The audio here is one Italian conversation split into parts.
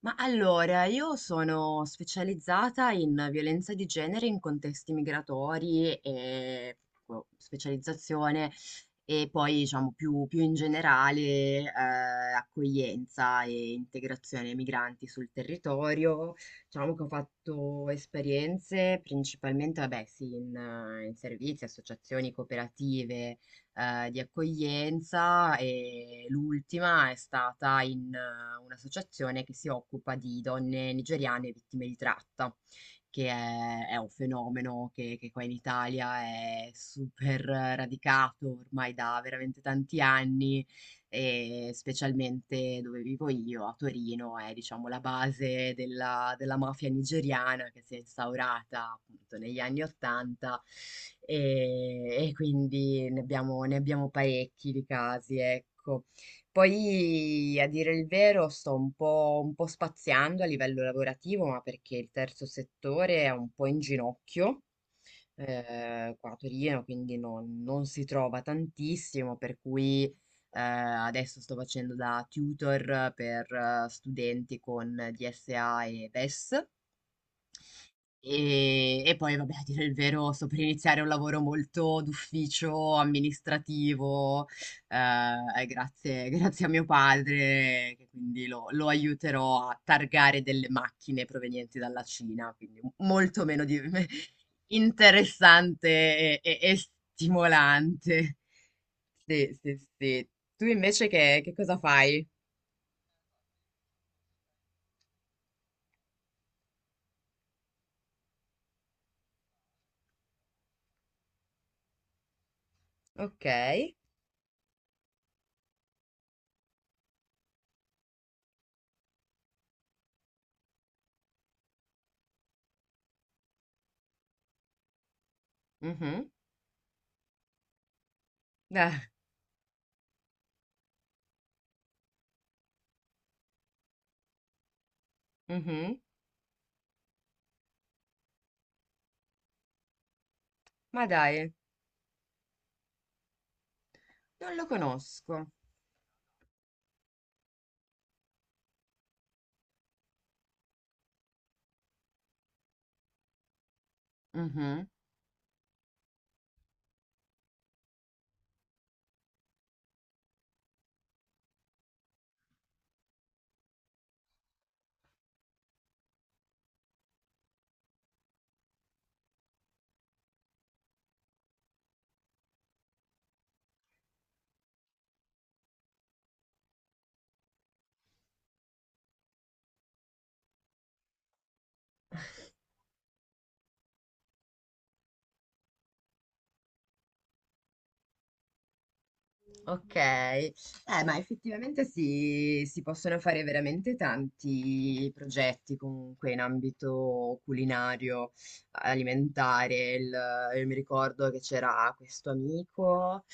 Ma allora, io sono specializzata in violenza di genere in contesti migratori e boh, specializzazione e poi diciamo più in generale accoglienza e integrazione ai migranti sul territorio. Diciamo che ho fatto esperienze principalmente, vabbè, sì, in servizi, associazioni, cooperative di accoglienza e l'ultima è stata in un'associazione che si occupa di donne nigeriane vittime di tratta, è un fenomeno che qua in Italia è super radicato ormai da veramente tanti anni e specialmente dove vivo io, a Torino, è diciamo la base della mafia nigeriana che si è instaurata appunto negli anni Ottanta e, e quindi ne abbiamo parecchi di casi, ecco. Poi, a dire il vero, sto un po' spaziando a livello lavorativo, ma perché il terzo settore è un po' in ginocchio qua a Torino, quindi non si trova tantissimo, per cui adesso sto facendo da tutor per studenti con DSA e VES e poi, vabbè, a dire il vero, sto per iniziare un lavoro molto d'ufficio, amministrativo, grazie, grazie a mio padre, che quindi lo aiuterò a targare delle macchine provenienti dalla Cina, quindi molto meno interessante e stimolante. Sì, sì, sì. Tu invece che cosa fai? Ok. Mhm. Ah, mhm. Ma dai, non lo conosco. Mhm. Ok, ma effettivamente si possono fare veramente tanti progetti comunque in ambito culinario, alimentare. Io mi ricordo che c'era questo amico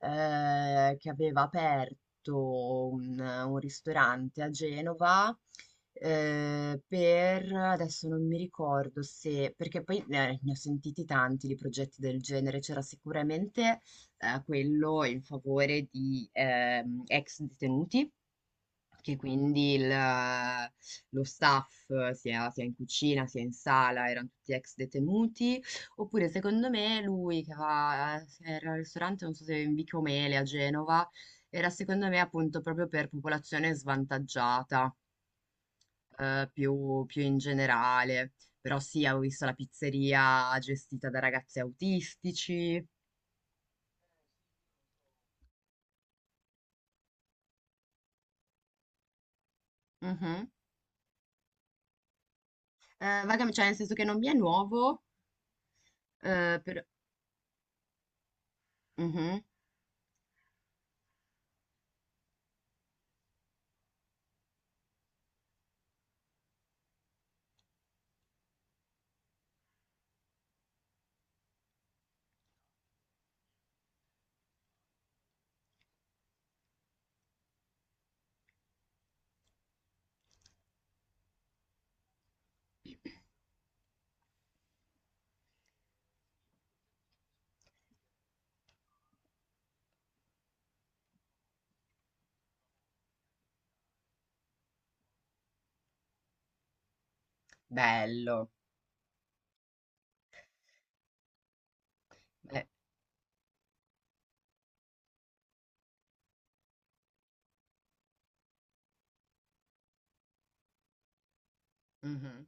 che aveva aperto un ristorante a Genova. Per adesso non mi ricordo se, perché poi ne ho sentiti tanti di progetti del genere, c'era sicuramente quello in favore di ex detenuti, che quindi lo staff, sia in cucina sia in sala, erano tutti ex detenuti, oppure secondo me lui che va, era al ristorante, non so se in Vico Mele a Genova, era secondo me appunto proprio per popolazione svantaggiata, più, più in generale. Però sì, avevo visto la pizzeria gestita da ragazzi autistici. Mhm. Vagamente, cioè nel senso che non mi è nuovo, però... Mhm. Bello. Eh, mhm.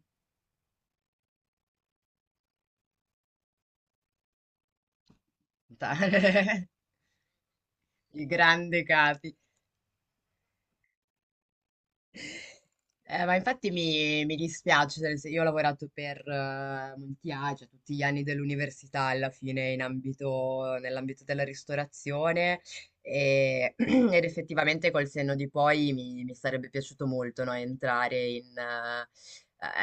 Ta- Il grande. Ma infatti mi, mi dispiace, cioè, nel sen- io ho lavorato per molti anni, cioè tutti gli anni dell'università alla fine in nell'ambito della ristorazione ed effettivamente col senno di poi mi sarebbe piaciuto molto no, entrare in, eh,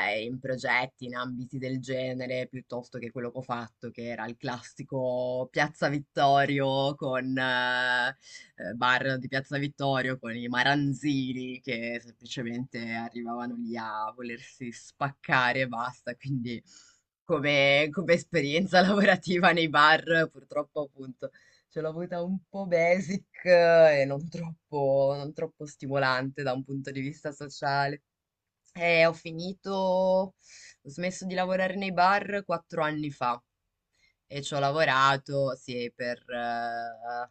eh, in progetti, in ambiti del genere, piuttosto che quello che ho fatto, che era il classico Piazza Vittorio con bar di Piazza Vittorio con i maranzini che semplicemente arrivavano lì a volersi spaccare e basta. Quindi come, come esperienza lavorativa nei bar, purtroppo appunto ce l'ho avuta un po' basic e non troppo, non troppo stimolante da un punto di vista sociale. E ho finito, ho smesso di lavorare nei bar quattro anni fa e ci ho lavorato, sì, per... eh,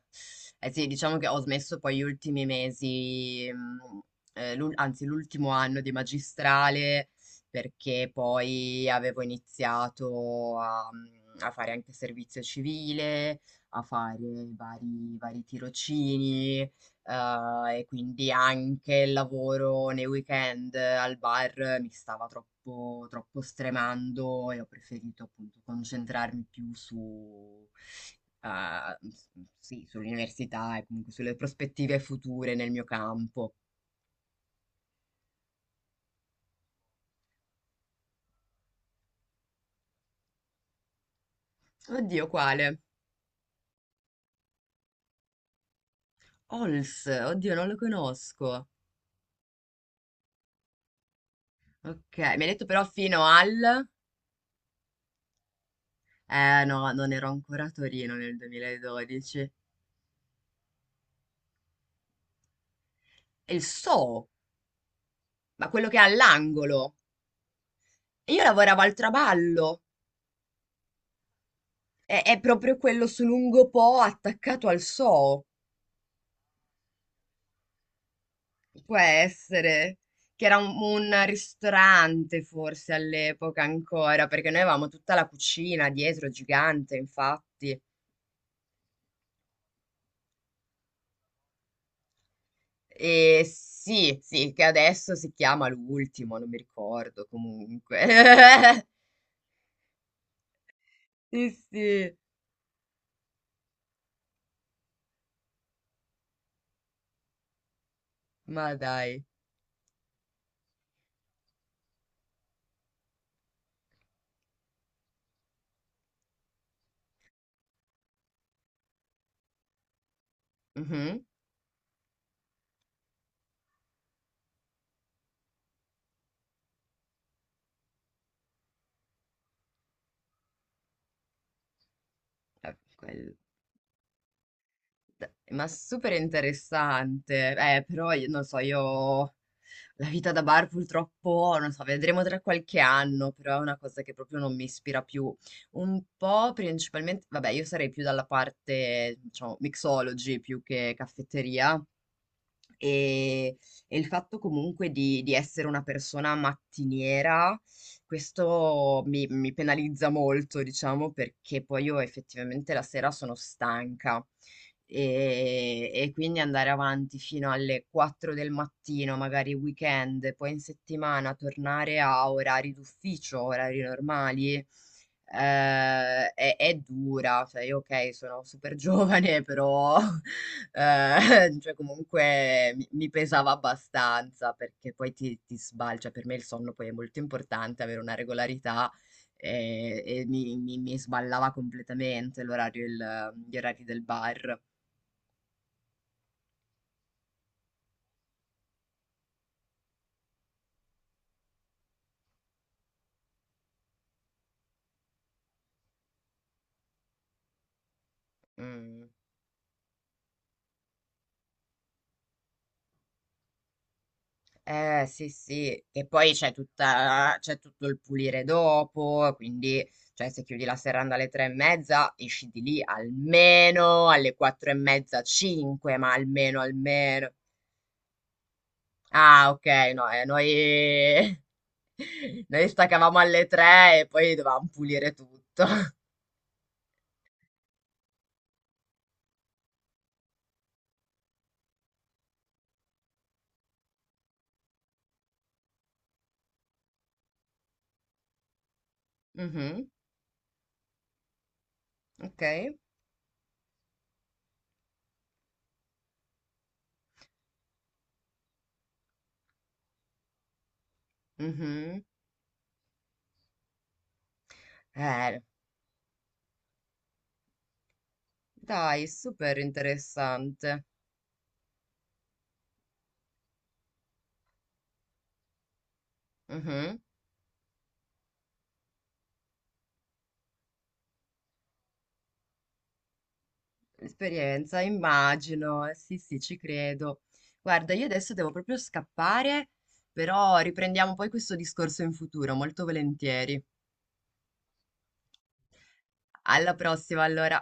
eh, sì, diciamo che ho smesso poi gli ultimi mesi, anzi l'ultimo anno di magistrale, perché poi avevo iniziato a fare anche servizio civile, a fare vari tirocini, e quindi anche il lavoro nei weekend al bar mi stava troppo, troppo stremando e ho preferito appunto concentrarmi più su, eh, s- sì, sull'università e comunque sulle prospettive future nel mio campo. Oddio, quale? Ols, oddio, non lo conosco. Ok, mi ha detto però fino al... Eh no, non ero ancora a Torino nel 2012. E il So, ma quello che è all'angolo. Io lavoravo al traballo, è proprio quello su lungo Po attaccato al So, può essere, che era un ristorante forse all'epoca ancora, perché noi avevamo tutta la cucina dietro, gigante infatti. E sì, sì, che adesso si chiama l'ultimo, non mi ricordo comunque. Sì, sì, ma dai. Mhm. Quello. Beh, ma super interessante. Però io non so, io la vita da bar purtroppo, non so, vedremo tra qualche anno, però è una cosa che proprio non mi ispira più. Un po' principalmente, vabbè, io sarei più dalla parte, diciamo, mixology più che caffetteria, e, e il fatto comunque di essere una persona mattiniera, questo mi penalizza molto, diciamo, perché poi io effettivamente la sera sono stanca. E quindi andare avanti fino alle 4 del mattino, magari weekend, poi in settimana tornare a orari d'ufficio, orari normali è dura, cioè io ok, sono super giovane, però cioè comunque mi pesava abbastanza perché poi ti sbalcia. Per me il sonno poi è molto importante, avere una regolarità e, mi sballava completamente l'orario, gli orari del bar. Mm. Eh sì sì, e poi c'è tutta, c'è tutto il pulire dopo, quindi cioè, se chiudi la serranda alle tre e mezza, esci di lì almeno alle quattro e mezza, cinque, ma almeno almeno. Ah ok, no, noi... noi staccavamo alle tre e poi dovevamo pulire tutto. Mhm, ok, mhm. Eh, dai, super interessante. Mhm. Esperienza, immagino, sì, sì, ci credo. Guarda, io adesso devo proprio scappare, però riprendiamo poi questo discorso in futuro, molto volentieri. Alla prossima, allora.